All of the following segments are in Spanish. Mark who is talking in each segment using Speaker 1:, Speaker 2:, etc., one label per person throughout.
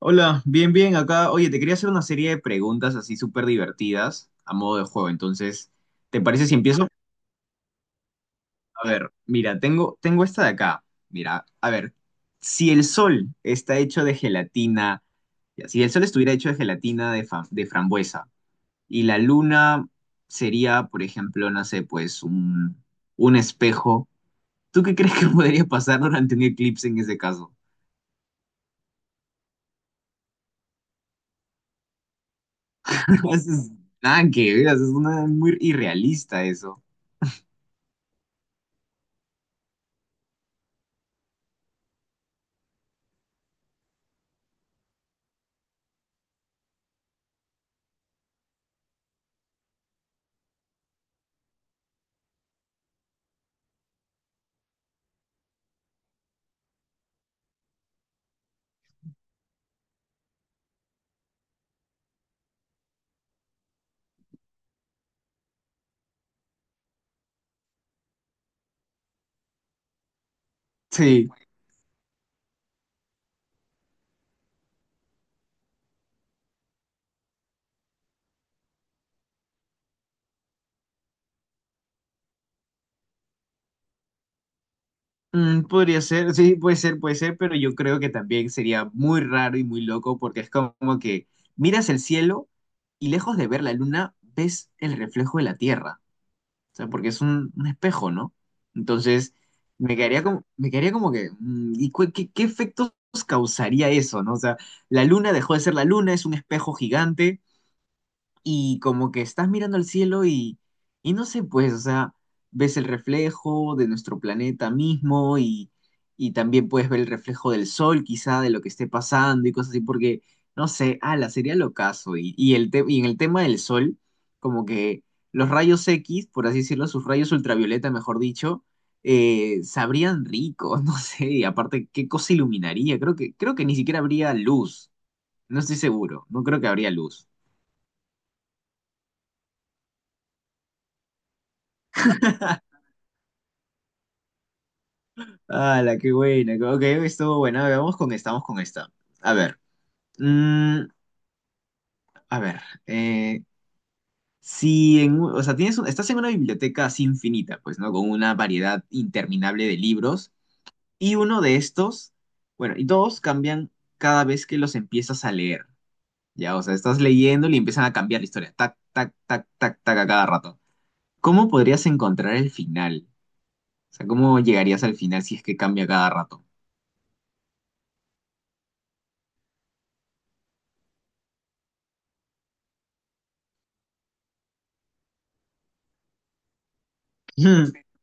Speaker 1: Hola, bien, bien, acá. Oye, te quería hacer una serie de preguntas así súper divertidas a modo de juego. Entonces, ¿te parece si empiezo? A ver, mira, tengo esta de acá. Mira, a ver, si el sol está hecho de gelatina, ya, si el sol estuviera hecho de gelatina de, de frambuesa y la luna sería, por ejemplo, no sé, pues un espejo, ¿tú qué crees que podría pasar durante un eclipse en ese caso? Eso es- Nada que ver, eso es una, muy irrealista eso. Sí. Mm, podría ser, sí, puede ser, pero yo creo que también sería muy raro y muy loco porque es como que miras el cielo y lejos de ver la luna ves el reflejo de la Tierra, o sea, porque es un espejo, ¿no? Entonces, me quedaría como que, ¿y qué, qué efectos causaría eso, ¿no? O sea, la luna dejó de ser la luna, es un espejo gigante y como que estás mirando al cielo y no sé, pues, o sea, ves el reflejo de nuestro planeta mismo y también puedes ver el reflejo del sol, quizá, de lo que esté pasando y cosas así, porque, no sé, ala, sería locazo. Y, y en el tema del sol, como que los rayos X, por así decirlo, sus rayos ultravioleta, mejor dicho, sabrían ricos, no sé, y aparte, ¿qué cosa iluminaría? Creo que ni siquiera habría luz, no estoy seguro, no creo que habría luz. Ah, la qué buena. Ok, estuvo buena. A Vamos con esta. A ver. mm, a ver. eh, si en, o sea, estás en una biblioteca así infinita, pues, ¿no? Con una variedad interminable de libros. Y uno de estos, bueno, y todos cambian cada vez que los empiezas a leer. Ya, o sea, estás leyendo y empiezan a cambiar la historia. Tac, tac, tac, tac, tac a cada rato. ¿Cómo podrías encontrar el final? O sea, ¿cómo llegarías al final si es que cambia cada rato?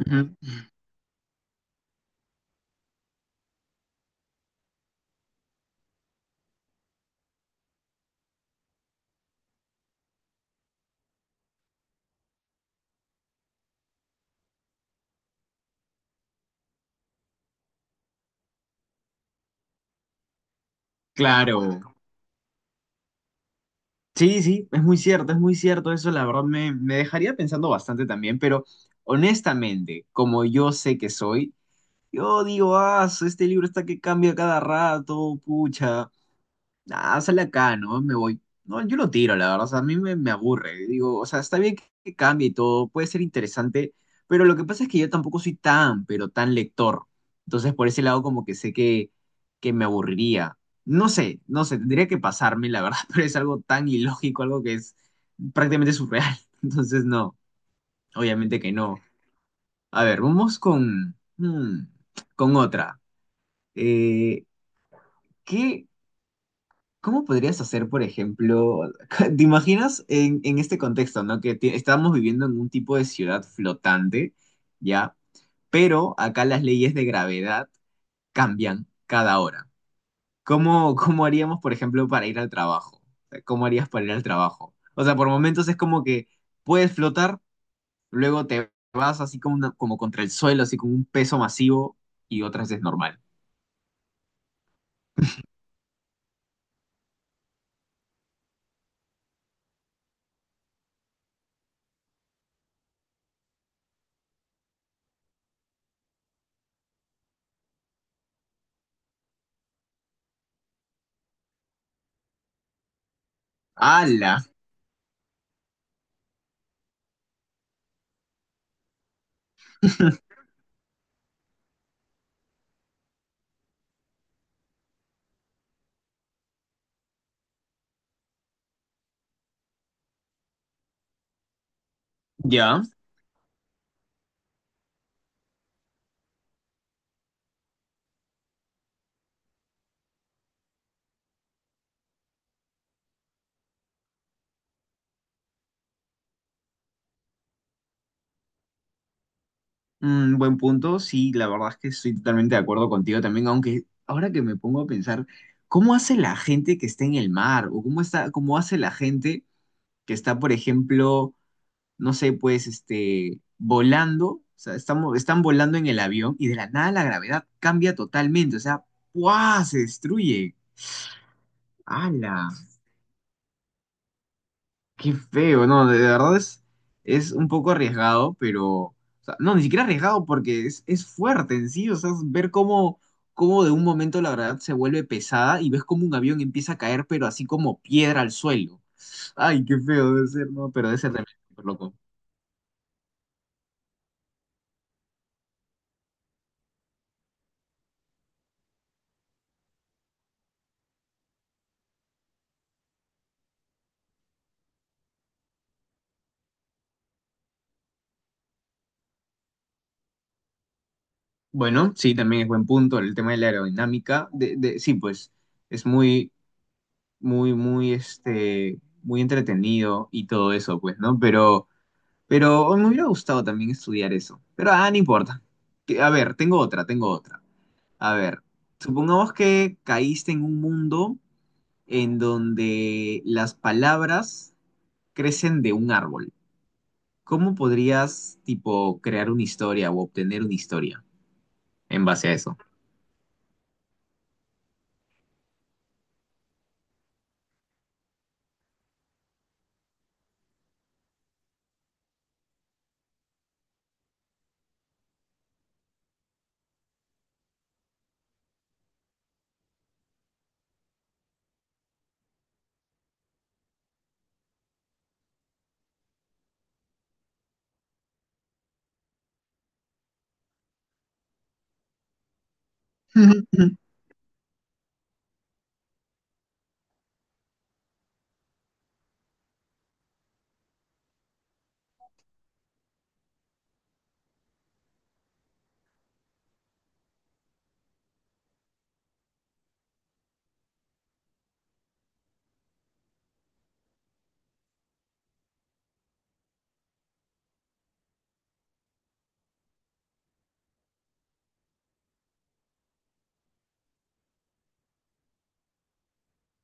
Speaker 1: Ujú, ujú. Claro. Sí, sí, es muy cierto eso, la verdad me dejaría pensando bastante también, pero honestamente, como yo sé que soy, yo digo, ah, este libro está que cambia cada rato, pucha, Ah, sale acá, ¿no? Me voy. No, yo lo tiro, la verdad. O sea, a me aburre. Digo, o sea, está bien que cambie y todo, puede ser interesante, pero lo que pasa es que yo tampoco soy tan, pero tan lector. Entonces, por ese lado, como que sé que me aburriría. No sé, no sé, tendría que pasarme, la verdad, pero es algo tan ilógico, algo que es prácticamente surreal. Entonces, no, obviamente que no. A ver, vamos con, con otra. Eh, ¿Qué? ¿Cómo podrías hacer, por ejemplo, te imaginas en este contexto, ¿no? Que estamos viviendo en un tipo de ciudad flotante, ¿ya? Pero acá las leyes de gravedad cambian cada hora. ¿Cómo, cómo haríamos, por ejemplo, para ir al trabajo? ¿Cómo harías para ir al trabajo? O sea, por momentos es como que puedes flotar, luego te vas así como, como contra el suelo, así con un peso masivo, y otras es normal. ¡Hala! ¿Ya? Mm, buen punto, sí, la verdad es que estoy totalmente de acuerdo contigo también, aunque ahora que me pongo a pensar, ¿cómo hace la gente que está en el mar? ¿O cómo está, cómo hace la gente que está, por ejemplo, no sé, pues, este, volando? O sea, estamos, están volando en el avión y de la nada la gravedad cambia totalmente, o sea, ¡buah! Se destruye. ¡Hala! Qué feo, no, de verdad es un poco arriesgado, pero, o sea, no, ni siquiera arriesgado porque es fuerte en sí, o sea, es ver cómo, cómo de un momento la gravedad se vuelve pesada y ves cómo un avión empieza a caer, pero así como piedra al suelo. Ay, qué feo debe ser, no, pero debe ser también súper loco. Bueno, sí, también es buen punto el tema de la aerodinámica, de, sí, pues, es muy, muy, muy, este, muy entretenido y todo eso, pues, ¿no? Pero me hubiera gustado también estudiar eso. Pero ah, no importa. A ver, tengo otra, tengo otra. A ver, supongamos que caíste en un mundo en donde las palabras crecen de un árbol. ¿Cómo podrías, tipo, crear una historia o obtener una historia en base a eso?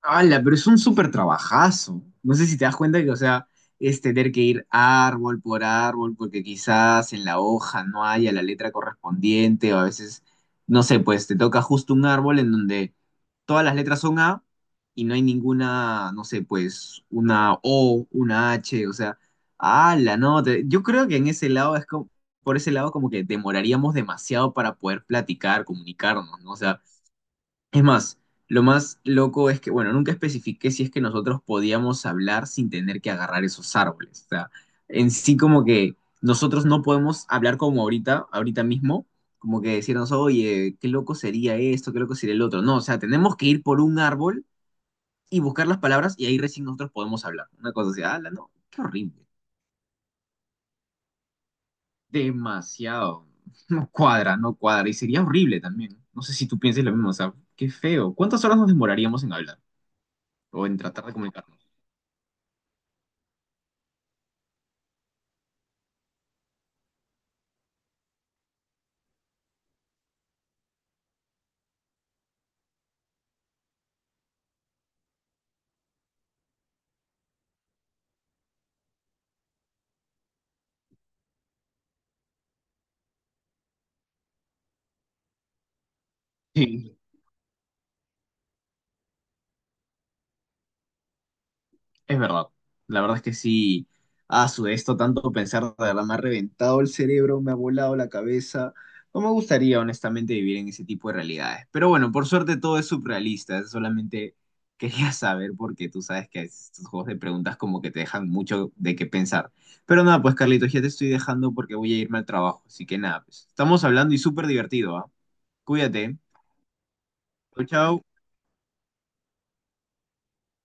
Speaker 1: Ala, pero es un súper trabajazo. No sé si te das cuenta que, o sea, es tener que ir árbol por árbol, porque quizás en la hoja no haya la letra correspondiente, o a veces, no sé, pues te toca justo un árbol en donde todas las letras son A y no hay ninguna, no sé, pues una O, una H, o sea, ala, no, yo creo que en ese lado es como, por ese lado como que demoraríamos demasiado para poder platicar, comunicarnos, ¿no? O sea, es más, lo más loco es que, bueno, nunca especifiqué si es que nosotros podíamos hablar sin tener que agarrar esos árboles. O sea, en sí como que nosotros no podemos hablar como ahorita, ahorita mismo, como que decirnos, oye, qué loco sería esto, qué loco sería el otro. No, o sea, tenemos que ir por un árbol y buscar las palabras y ahí recién nosotros podemos hablar. Una cosa así, ala, no, qué horrible. Demasiado. No cuadra, no cuadra. Y sería horrible también. No sé si tú piensas lo mismo, o sea, qué feo. ¿Cuántas horas nos demoraríamos en hablar? O en tratar de comunicarnos. Sí, es verdad. La verdad es que sí, a su esto tanto pensar, de verdad, me ha reventado el cerebro, me ha volado la cabeza. No me gustaría, honestamente, vivir en ese tipo de realidades. Pero bueno, por suerte todo es surrealista. Solamente quería saber porque tú sabes que estos juegos de preguntas como que te dejan mucho de qué pensar. Pero nada, pues Carlitos, ya te estoy dejando porque voy a irme al trabajo. Así que nada, pues estamos hablando y súper divertido, ¿ah? Cuídate. Chao, chao.